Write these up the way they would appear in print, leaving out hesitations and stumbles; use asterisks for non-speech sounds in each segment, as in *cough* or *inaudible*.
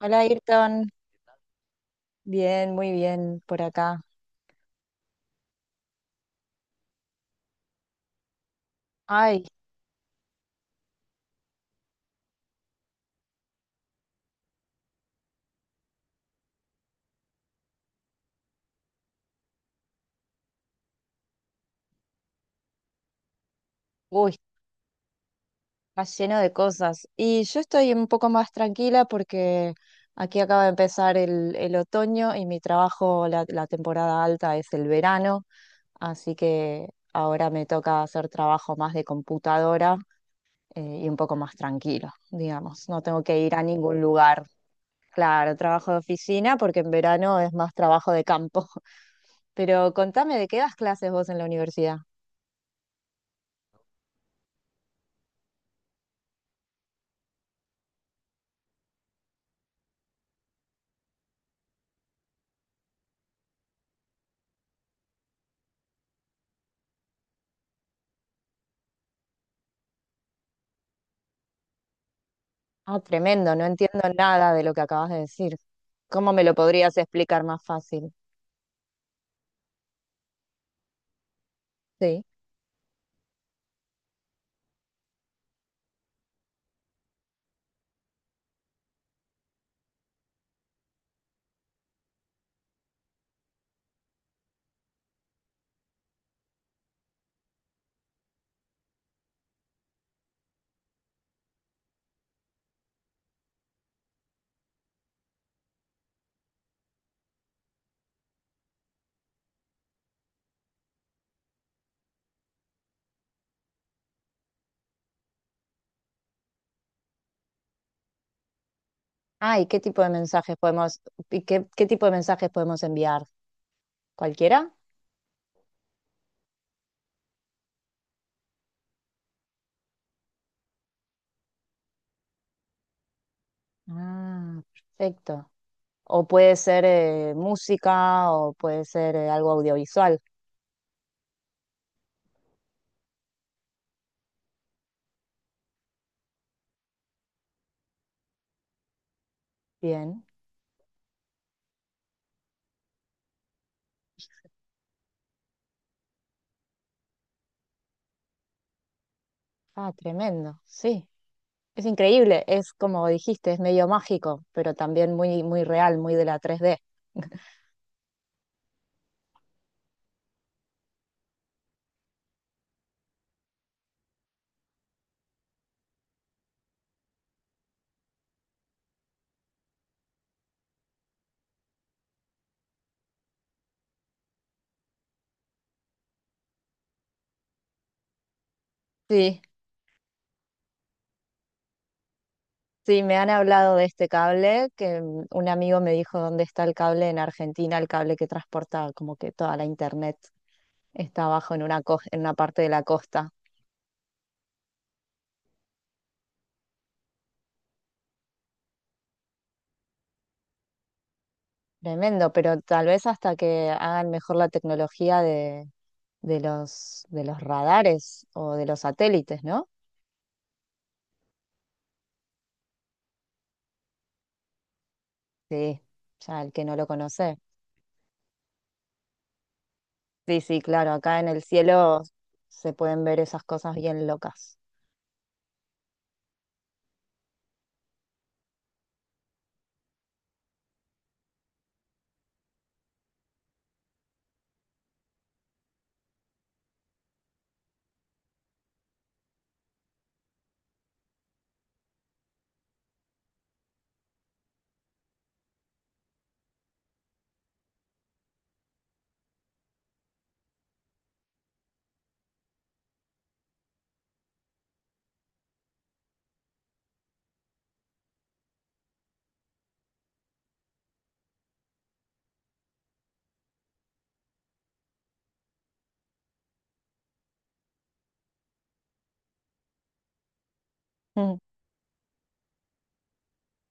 Hola, Ayrton. Bien, muy bien por acá. Ay, uy, está lleno de cosas. Y yo estoy un poco más tranquila porque aquí acaba de empezar el otoño y mi trabajo, la temporada alta es el verano, así que ahora me toca hacer trabajo más de computadora y un poco más tranquilo, digamos. No tengo que ir a ningún lugar. Claro, trabajo de oficina porque en verano es más trabajo de campo. *laughs* Pero contame, ¿de qué das clases vos en la universidad? Ah, tremendo, no entiendo nada de lo que acabas de decir. ¿Cómo me lo podrías explicar más fácil? Sí. Ah, ¿y qué, qué tipo de mensajes podemos enviar? ¿Cualquiera? Ah, perfecto. O puede ser música o puede ser algo audiovisual. Bien. Ah, tremendo. Sí. Es increíble. Es como dijiste, es medio mágico, pero también muy, muy real, muy de la tres d. Sí. Sí, me han hablado de este cable, que un amigo me dijo dónde está el cable en Argentina, el cable que transporta como que toda la internet está abajo en una, en una parte de la costa. Tremendo, pero tal vez hasta que hagan mejor la tecnología de, de los radares o de los satélites, ¿no? Sí, ya el que no lo conoce. Sí, sí, claro, acá en el cielo se pueden ver esas cosas bien locas.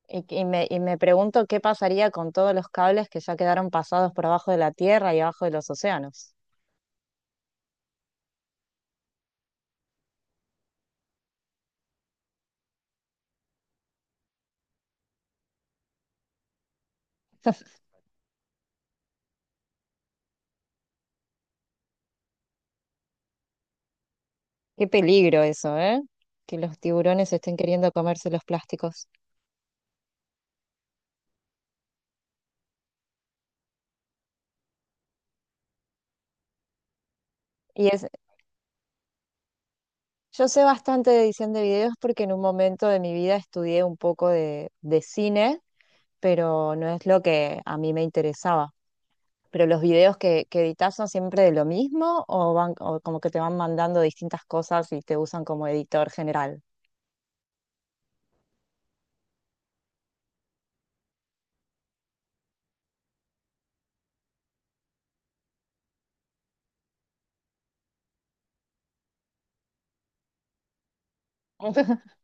Y me pregunto qué pasaría con todos los cables que ya quedaron pasados por abajo de la tierra y abajo de los océanos. Qué peligro eso, ¿eh? Que los tiburones estén queriendo comerse los plásticos. Y es, yo sé bastante de edición de videos porque en un momento de mi vida estudié un poco de cine, pero no es lo que a mí me interesaba. Pero los videos que editas son siempre de lo mismo o van o como que te van mandando distintas cosas y te usan como editor general. *laughs*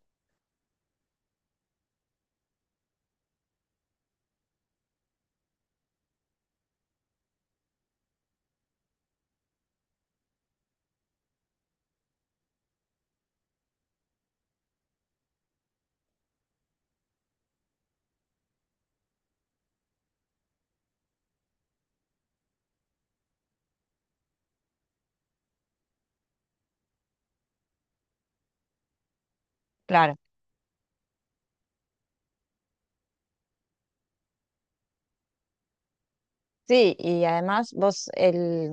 Claro. Sí, y además vos, el,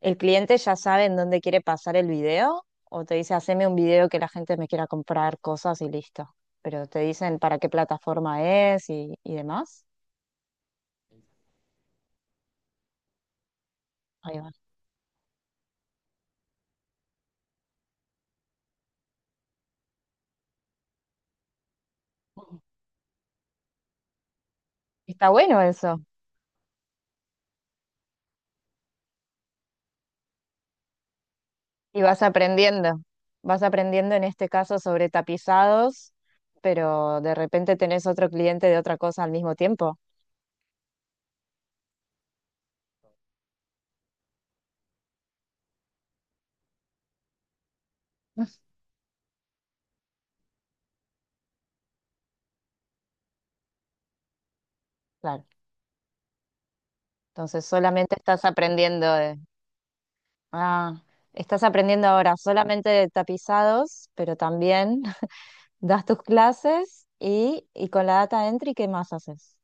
el cliente ya sabe en dónde quiere pasar el video o te dice, haceme un video que la gente me quiera comprar cosas y listo. Pero te dicen para qué plataforma es y demás. Ahí va. Está bueno eso. Y vas aprendiendo. Vas aprendiendo en este caso sobre tapizados, pero de repente tenés otro cliente de otra cosa al mismo tiempo. *laughs* Claro. Entonces solamente estás aprendiendo. Ah, estás aprendiendo ahora solamente de tapizados, pero también *laughs* das tus clases y con la data entry, ¿qué más haces?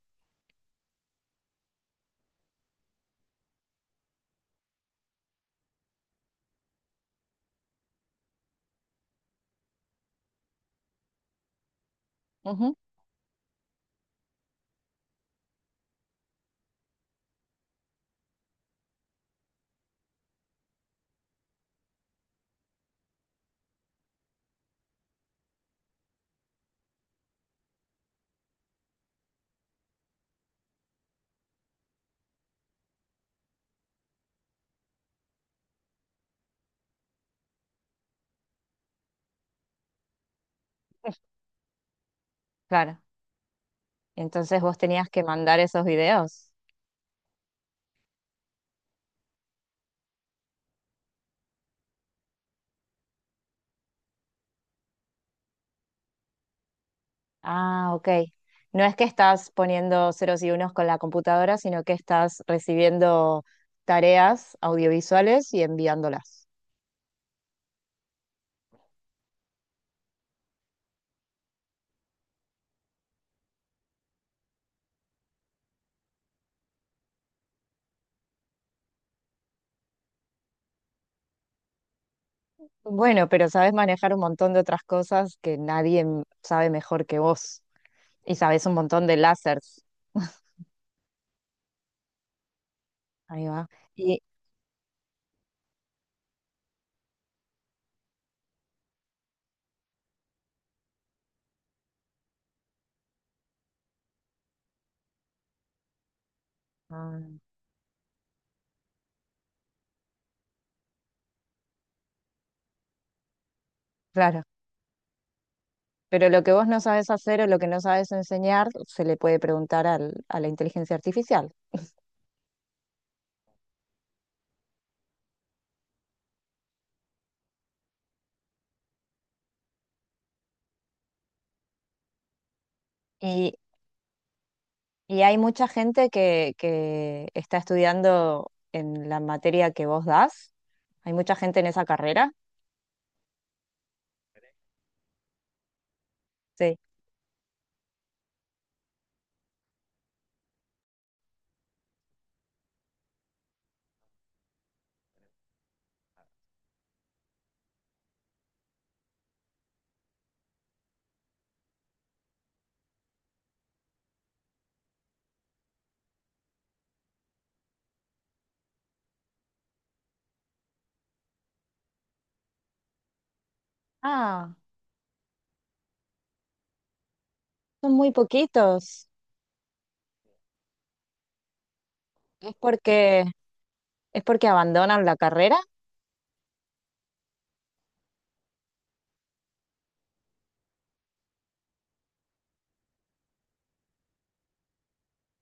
Ujú, claro. Entonces vos tenías que mandar esos videos. Ah, ok. No es que estás poniendo ceros y unos con la computadora, sino que estás recibiendo tareas audiovisuales y enviándolas. Bueno, pero sabes manejar un montón de otras cosas que nadie sabe mejor que vos. Y sabes un montón de lásers. Ahí va. Ah, claro, pero lo que vos no sabes hacer o lo que no sabes enseñar se le puede preguntar a la inteligencia artificial. Y, y hay mucha gente que está estudiando en la materia que vos das. Hay mucha gente en esa carrera. Sí. Ah, son muy poquitos. Es porque, es porque abandonan la carrera.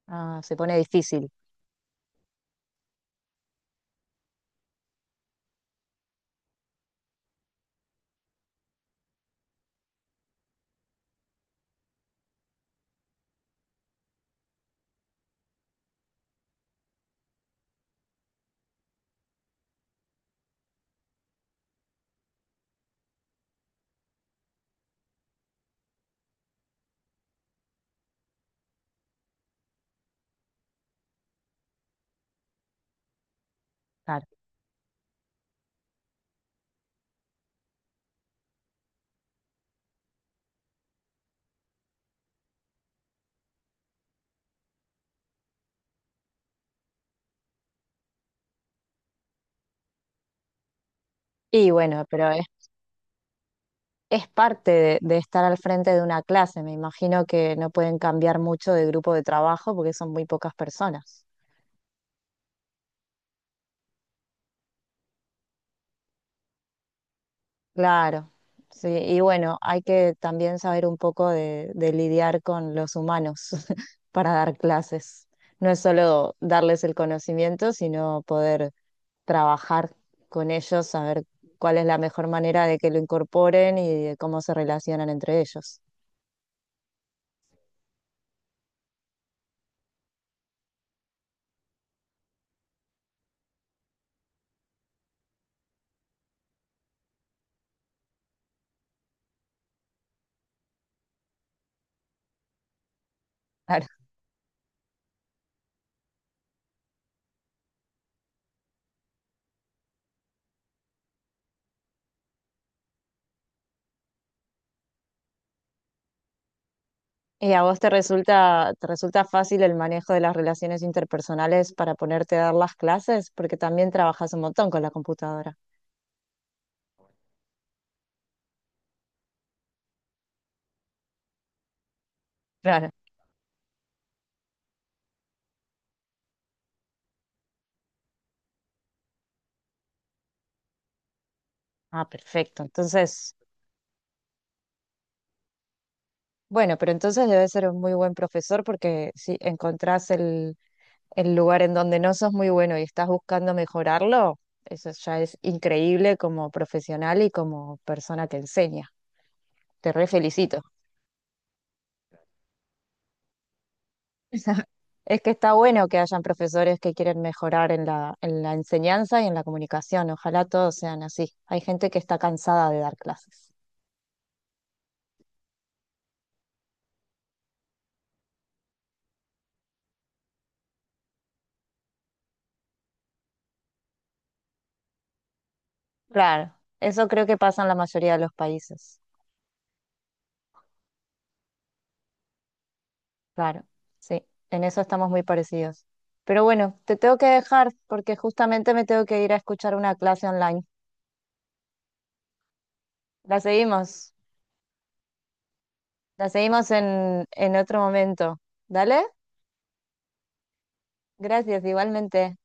Ah, se pone difícil. Claro. Y bueno, pero es parte de estar al frente de una clase. Me imagino que no pueden cambiar mucho de grupo de trabajo porque son muy pocas personas. Claro, sí. Y bueno, hay que también saber un poco de lidiar con los humanos *laughs* para dar clases. No es solo darles el conocimiento, sino poder trabajar con ellos, saber cuál es la mejor manera de que lo incorporen y de cómo se relacionan entre ellos. *laughs* Claro. ¿Y a vos te resulta fácil el manejo de las relaciones interpersonales para ponerte a dar las clases? Porque también trabajas un montón con la computadora. Claro. Ah, perfecto. Entonces, bueno, pero entonces debes ser un muy buen profesor porque si encontrás el lugar en donde no sos muy bueno y estás buscando mejorarlo, eso ya es increíble como profesional y como persona que enseña. Te re felicito. *laughs* Es que está bueno que hayan profesores que quieren mejorar en la enseñanza y en la comunicación. Ojalá todos sean así. Hay gente que está cansada de dar clases. Claro, eso creo que pasa en la mayoría de los países. Claro, sí, en eso estamos muy parecidos. Pero bueno, te tengo que dejar porque justamente me tengo que ir a escuchar una clase online. La seguimos, la seguimos en otro momento. ¿Dale? Gracias, igualmente.